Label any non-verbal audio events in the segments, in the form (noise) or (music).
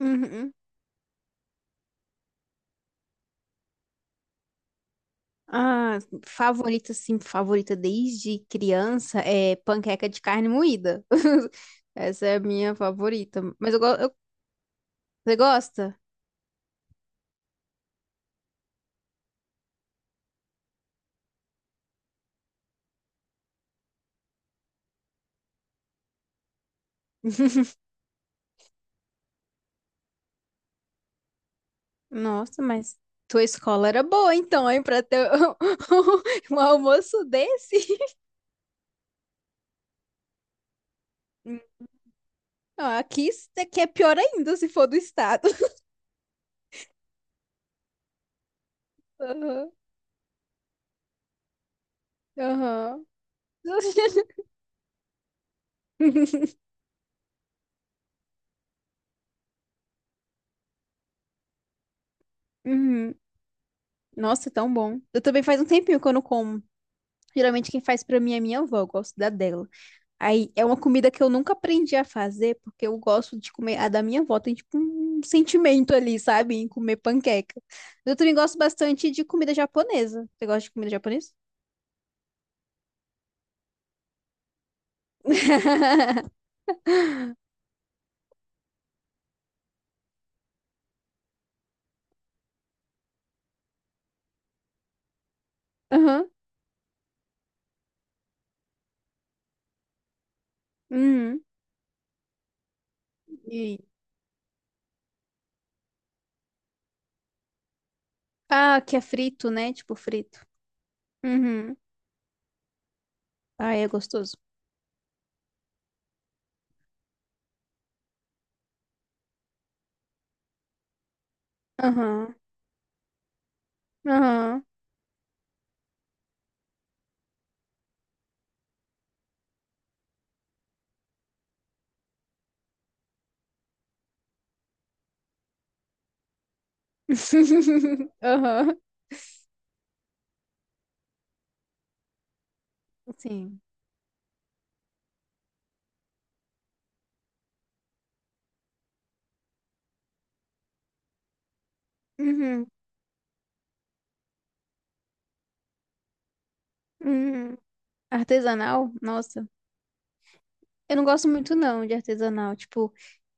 Uhum. Ah, Favorita, sim, favorita desde criança é panqueca de carne moída. (laughs) Essa é a minha favorita. Você gosta? (laughs) Nossa, mas tua escola era boa, então, hein, pra ter (laughs) um almoço desse? (laughs) Hum. Ah, aqui, isso daqui é pior ainda se for do estado. (laughs) Aham, aham. (laughs) Uhum. Nossa, tão bom. Eu também faz um tempinho que eu não como. Geralmente quem faz pra mim é minha avó, eu gosto da dela. Aí é uma comida que eu nunca aprendi a fazer, porque eu gosto de comer a da minha avó, tem tipo um sentimento ali, sabe? Em comer panqueca. Mas eu também gosto bastante de comida japonesa. Você gosta de comida japonesa? (laughs) Aham. Uhum. E- Ah, que é frito, né? Tipo frito. Uhum. Ah, é gostoso. Aham. Aham. (laughs) Aham. Sim. Uhum. Uhum. Artesanal? Nossa. Eu não gosto muito não de artesanal. Tipo,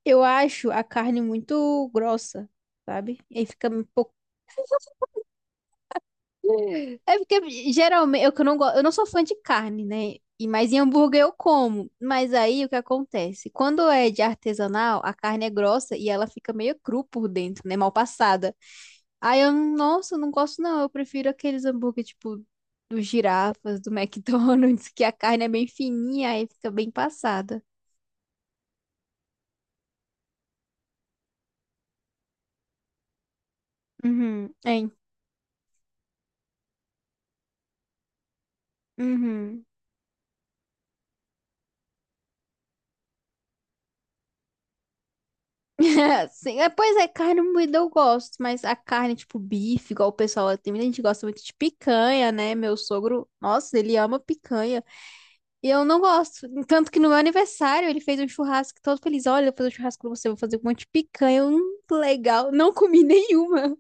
eu acho a carne muito grossa, sabe? E aí fica um pouco. É porque geralmente eu que não gosto, eu não sou fã de carne, né? E mas em hambúrguer eu como. Mas aí o que acontece? Quando é de artesanal, a carne é grossa e ela fica meio cru por dentro, né? Mal passada. Aí eu, nossa, eu não gosto não. Eu prefiro aqueles hambúrguer tipo dos girafas, do (laughs) McDonald's, que a carne é bem fininha, e fica bem passada. Uhum, é. Uhum. (laughs) Sim, é, pois é, carne moída eu gosto, mas a carne, tipo, bife, igual o pessoal, tem muita gente que gosta muito de picanha, né? Meu sogro, nossa, ele ama picanha. E eu não gosto. Tanto que no meu aniversário ele fez um churrasco todo feliz. Olha, eu vou fazer um churrasco pra você, eu vou fazer um monte de picanha. Eu, hum, legal. Não comi (laughs) nenhuma,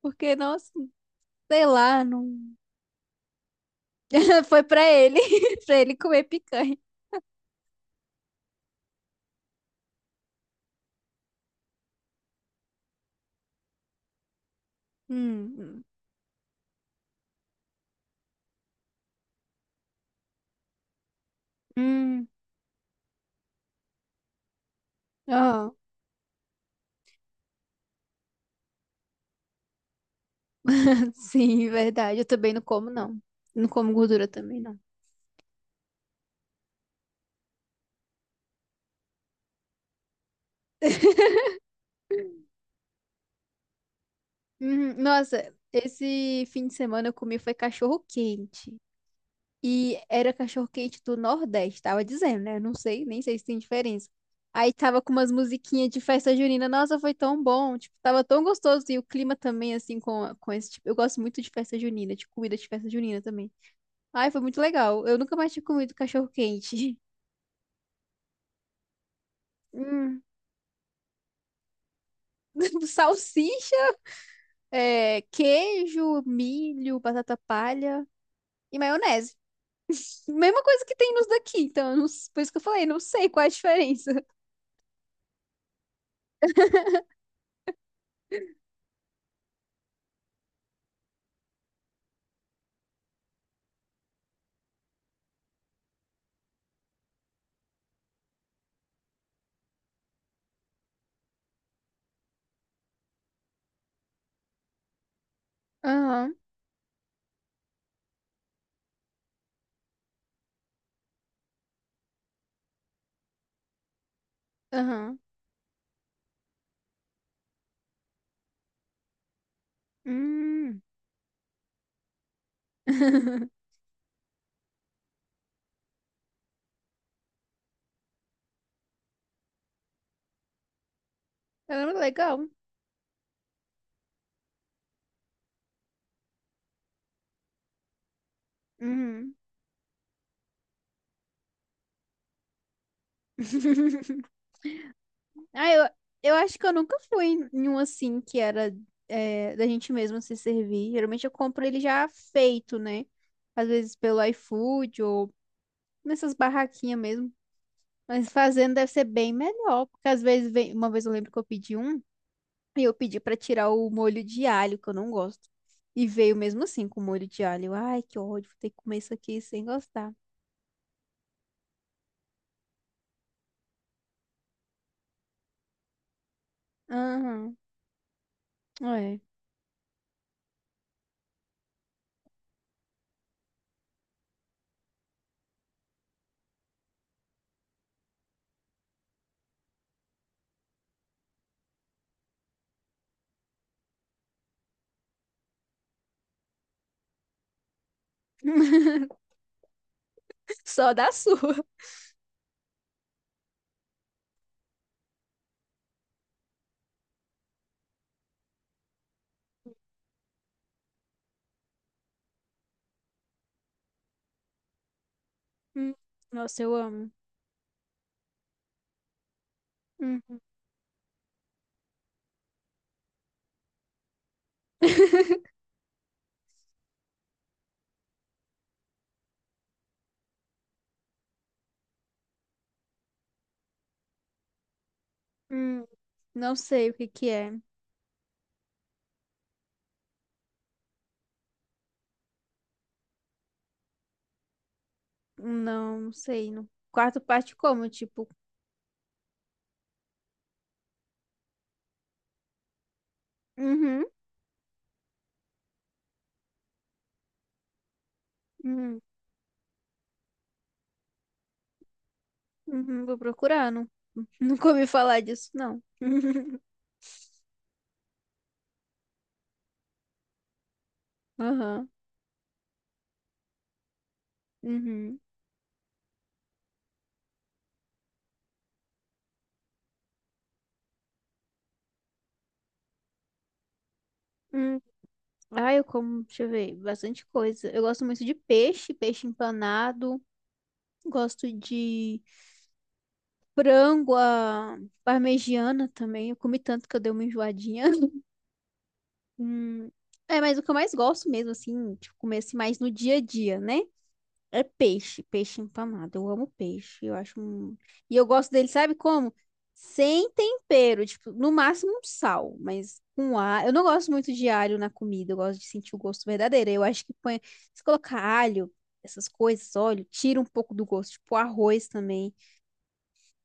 porque, nossa, sei lá, não. (laughs) Foi pra ele, (laughs) pra ele comer picanha. Hum, hum. Hum. Ah, (laughs) sim, verdade. Eu também não como, não. Não como gordura também, não. Nossa, esse fim de semana eu comi foi cachorro quente. E era cachorro quente do Nordeste, tava dizendo, né? Não sei, nem sei se tem diferença. Aí tava com umas musiquinhas de festa junina. Nossa, foi tão bom, tipo, tava tão gostoso. E o clima também, assim, com esse tipo. Eu gosto muito de festa junina, de comida de festa junina também. Ai, foi muito legal. Eu nunca mais tinha comido cachorro quente. (laughs) Hum. (laughs) Salsicha, é, queijo, milho, batata palha e maionese. Mesma coisa que tem nos daqui, então, eu não s- por isso que eu falei, não sei qual é a diferença. Aham, aham. Hum. (laughs) Caramba, legal. Uhum. (laughs) Ah, eu, eu acho que eu nunca fui em um assim que era é, da gente mesma se servir. Geralmente eu compro ele já feito, né? Às vezes pelo iFood ou nessas barraquinhas mesmo. Mas fazendo deve ser bem melhor, porque às vezes vem, uma vez eu lembro que eu pedi um. E eu pedi pra tirar o molho de alho, que eu não gosto. E veio mesmo assim com molho de alho. Ai, que ódio, vou ter que comer isso aqui sem gostar. Aham, é. (laughs) Só da sua. Hum, Nossa, eu amo. Hum, hum. Não sei o que que é. Não, não sei. No quarto parte como, tipo, uhum, uhum, uhum, vou procurar, não, não comi falar disso, não. (laughs) Aham, uhum, uhum. Ah, eu como, deixa eu ver, bastante coisa. Eu gosto muito de peixe, peixe empanado. Gosto de Frango à parmegiana também. Eu comi tanto que eu dei uma enjoadinha. (laughs) Hum, é, mas o que eu mais gosto mesmo, assim, tipo, comer assim, mais no dia a dia, né? É peixe, peixe empanado. Eu amo peixe. Eu acho um... E eu gosto dele, sabe como? Sem tempero, tipo, no máximo um sal, mas com alho. Eu não gosto muito de alho na comida, eu gosto de sentir o gosto verdadeiro. Eu acho que põe, Se colocar alho, essas coisas, óleo, tira um pouco do gosto, tipo arroz também.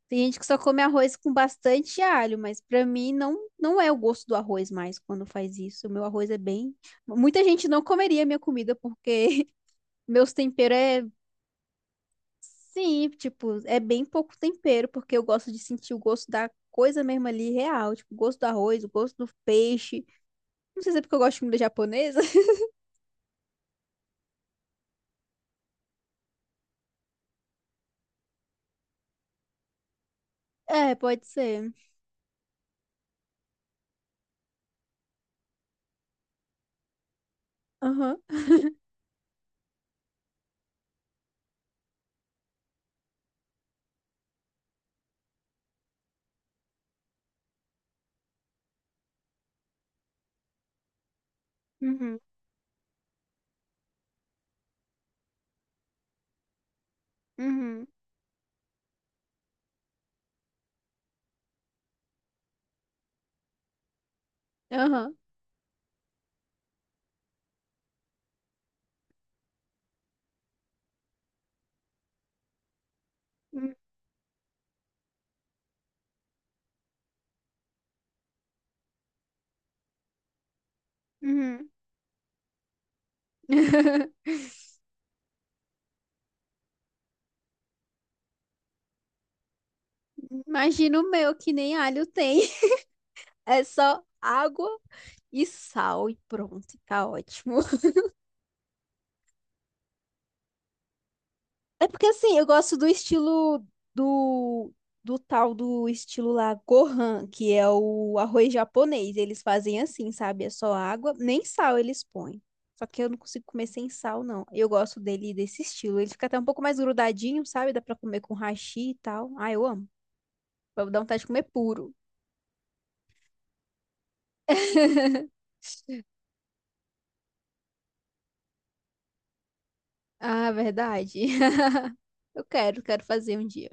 Tem gente que só come arroz com bastante alho, mas pra mim não não é o gosto do arroz mais quando faz isso. O meu arroz é bem Muita gente não comeria minha comida porque (laughs) meus temperos é sim, tipo, é bem pouco tempero, porque eu gosto de sentir o gosto da coisa mesmo ali real, tipo, o gosto do arroz, o gosto do peixe. Não sei se é porque eu gosto de comida japonesa. (laughs) É, pode ser. Aham. Uhum. Uhum. Aham. Uhum. Uhum. (laughs) Imagina o meu, que nem alho tem. (laughs) É só água e sal e pronto, tá ótimo. É porque assim, eu gosto do estilo do, do Tal do estilo lá Gohan, que é o arroz japonês. Eles fazem assim, sabe? É só água, nem sal eles põem. Só que eu não consigo comer sem sal, não. Eu gosto dele desse estilo. Ele fica até um pouco mais grudadinho, sabe? Dá pra comer com hashi e tal. Ah, eu amo. Vai dar vontade de comer puro. (laughs) Ah, verdade. (laughs) Quero fazer um dia.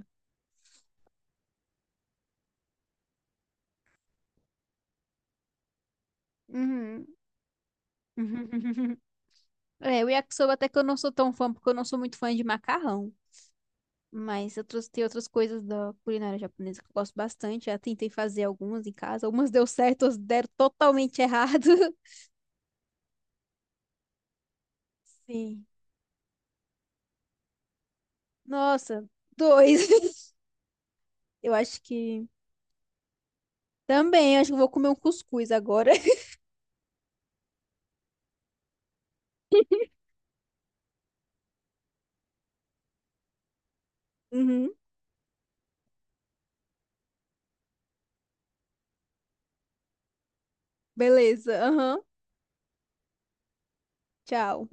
Uhum. (laughs) É, o yakisoba até que eu não sou tão fã, porque eu não sou muito fã de macarrão. Mas outros, tem outras coisas da culinária japonesa que eu gosto bastante. Já tentei fazer algumas em casa. Algumas (laughs) deu certo, outras deram totalmente errado. (laughs) Sim. Nossa, dois. (laughs) Eu acho que. Também, acho que eu vou comer um cuscuz agora. (laughs) Uhum. Beleza. Aham. Tchau.